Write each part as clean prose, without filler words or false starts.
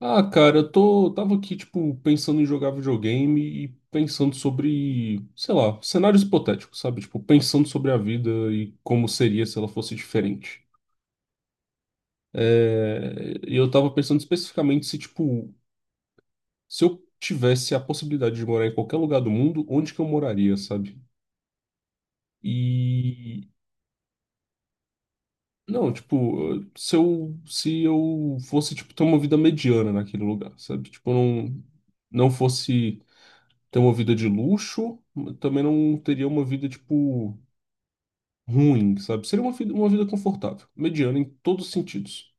Ah, cara, eu tô, tava aqui, tipo, pensando em jogar videogame e pensando sobre, sei lá, cenários hipotéticos, sabe? Tipo, pensando sobre a vida e como seria se ela fosse diferente. É, e eu tava pensando especificamente se, tipo, se eu tivesse a possibilidade de morar em qualquer lugar do mundo, onde que eu moraria, sabe? E, não, tipo, se eu, se eu fosse, tipo, ter uma vida mediana naquele lugar, sabe? Tipo, não, não fosse ter uma vida de luxo, mas também não teria uma vida, tipo, ruim, sabe? Seria uma vida confortável, mediana em todos os sentidos.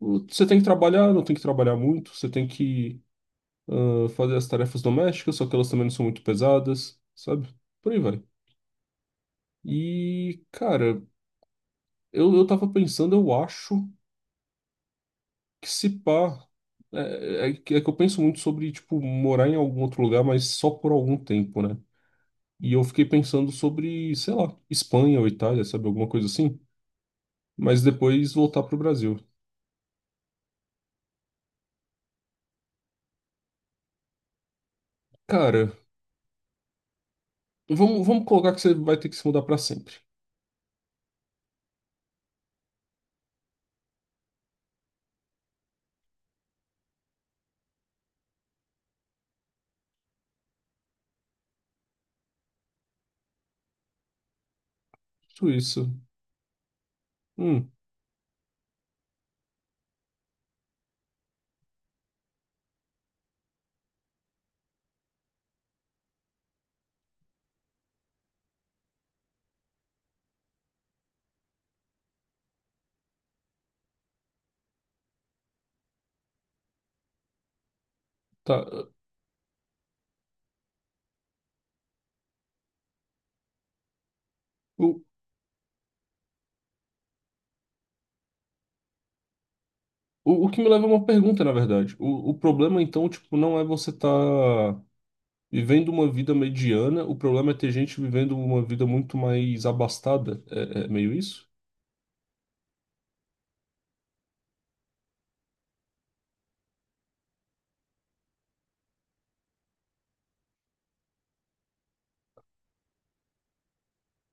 Você tem que trabalhar, não tem que trabalhar muito, você tem que fazer as tarefas domésticas, só que elas também não são muito pesadas, sabe? Por aí vai. E, cara, eu tava pensando, eu acho que se pá. É, é que eu penso muito sobre, tipo, morar em algum outro lugar, mas só por algum tempo, né? E eu fiquei pensando sobre, sei lá, Espanha ou Itália, sabe? Alguma coisa assim. Mas depois voltar pro Brasil. Cara, vamos, vamos colocar que você vai ter que se mudar pra sempre. Tudo isso. Hum, tá. O, o que me leva a uma pergunta, na verdade. O problema, então, tipo, não é você tá vivendo uma vida mediana. O problema é ter gente vivendo uma vida muito mais abastada. É, é meio isso?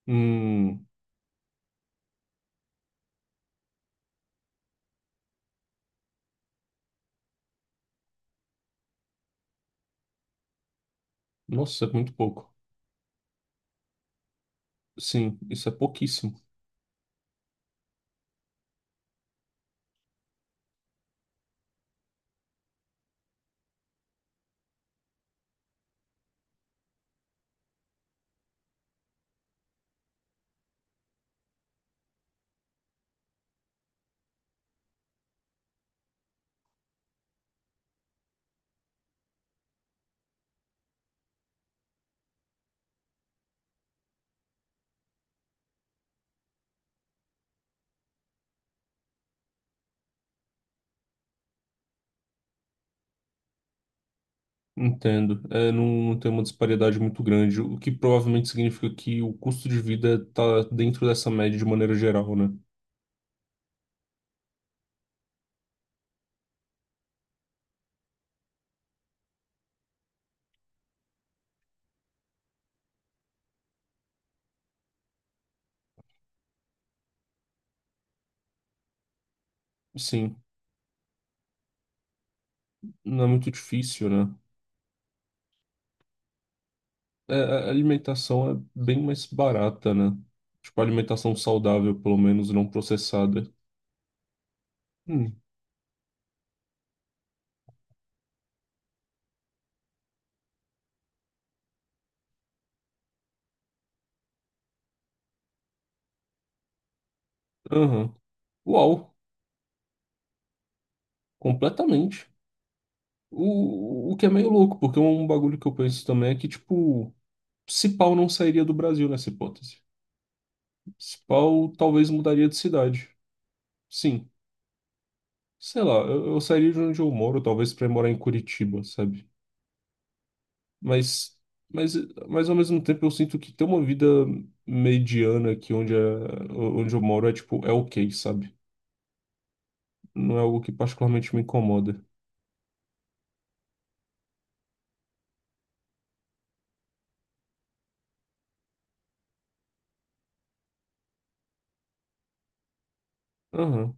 Hum, nossa, é muito pouco. Sim, isso é pouquíssimo. Entendo. É, não, não tem uma disparidade muito grande, o que provavelmente significa que o custo de vida está dentro dessa média de maneira geral, né? Sim, não é muito difícil, né? É, a alimentação é bem mais barata, né? Tipo, a alimentação saudável, pelo menos, não processada. Hum, aham. Uau, completamente. O que é meio louco, porque um bagulho que eu penso também é que, tipo, se pau não sairia do Brasil nessa hipótese. Se pau talvez mudaria de cidade. Sim. Sei lá, eu sairia de onde eu moro, talvez pra ir morar em Curitiba, sabe? Mas, mas, mas ao mesmo tempo eu sinto que ter uma vida mediana aqui onde, é, onde eu moro é tipo, é ok, sabe? Não é algo que particularmente me incomoda. Aham,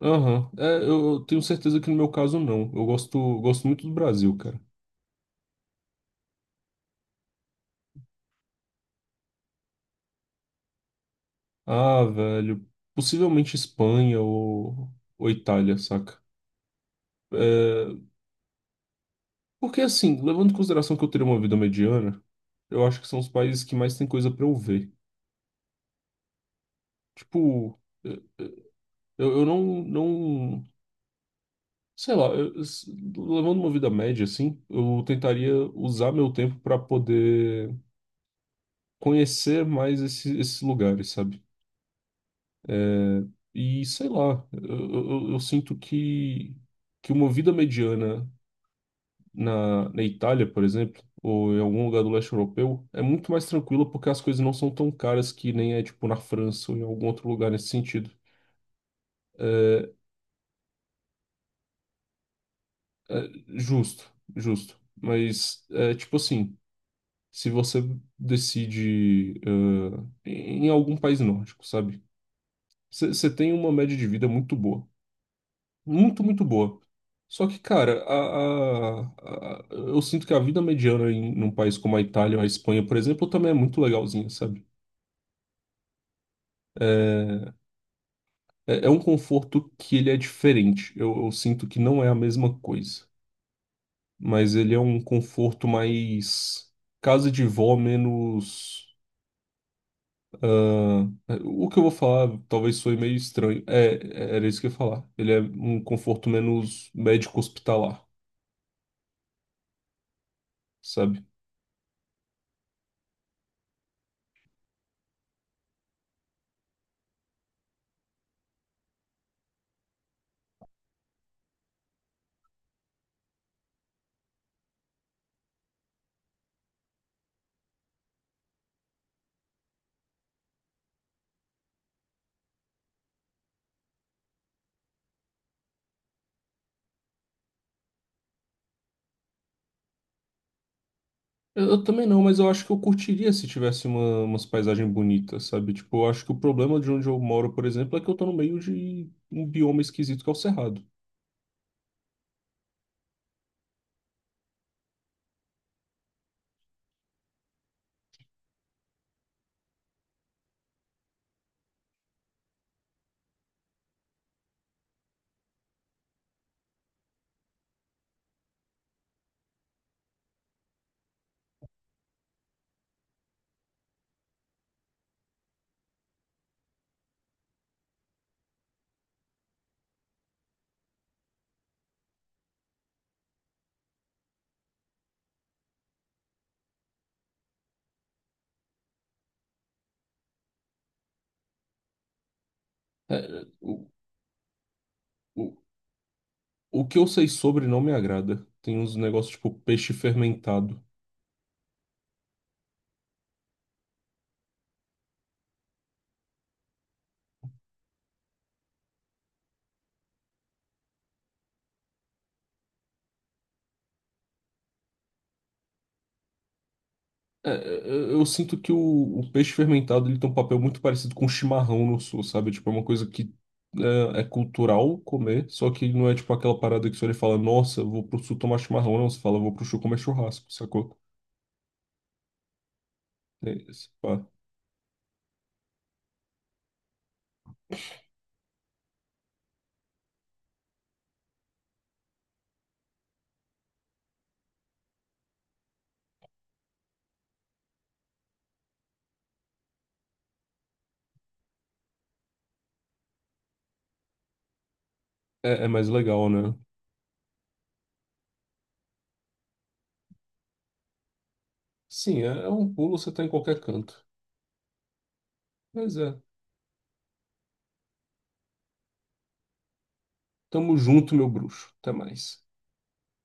aham. É, eu tenho certeza que no meu caso não. Eu gosto, gosto muito do Brasil, cara. Ah, velho, possivelmente Espanha ou Itália, saca? É, porque assim, levando em consideração que eu teria uma vida mediana, eu acho que são os países que mais tem coisa pra eu ver. Tipo, eh, eh, eu não, não, sei lá, levando uma vida média assim, eu tentaria usar meu tempo pra poder conhecer mais esses lugares, sabe? É, e sei lá, eu, eu sinto que uma vida mediana na, na Itália, por exemplo, ou em algum lugar do leste europeu, é muito mais tranquilo porque as coisas não são tão caras que nem é tipo na França ou em algum outro lugar nesse sentido. É, é justo, justo. Mas é tipo assim, se você decide é, em algum país nórdico, sabe? Você tem uma média de vida muito boa. Muito, muito boa. Só que, cara, eu sinto que a vida mediana em um país como a Itália ou a Espanha, por exemplo, também é muito legalzinha, sabe? É, é é um conforto que ele é diferente. Eu sinto que não é a mesma coisa, mas ele é um conforto mais casa de vó, menos. ah, o que eu vou falar talvez soe meio estranho. É, era isso que eu ia falar. Ele é um conforto menos médico hospitalar, sabe? Eu também não, mas eu acho que eu curtiria se tivesse uma, umas paisagens bonitas, sabe? Tipo, eu acho que o problema de onde eu moro, por exemplo, é que eu tô no meio de um bioma esquisito que é o Cerrado. É, o- o- O que eu sei sobre não me agrada. Tem uns negócios tipo peixe fermentado. É, eu sinto que o peixe fermentado ele tem um papel muito parecido com chimarrão no sul, sabe? Tipo, é uma coisa que é, é cultural comer, só que não é tipo aquela parada que você olha e fala, nossa, eu vou pro sul tomar chimarrão, não. Você fala, vou pro sul comer churrasco, sacou? É, isso, pá. É é mais legal, né? Sim, é, é um pulo, você tá em qualquer canto. Mas é. Tamo junto, meu bruxo. Até mais.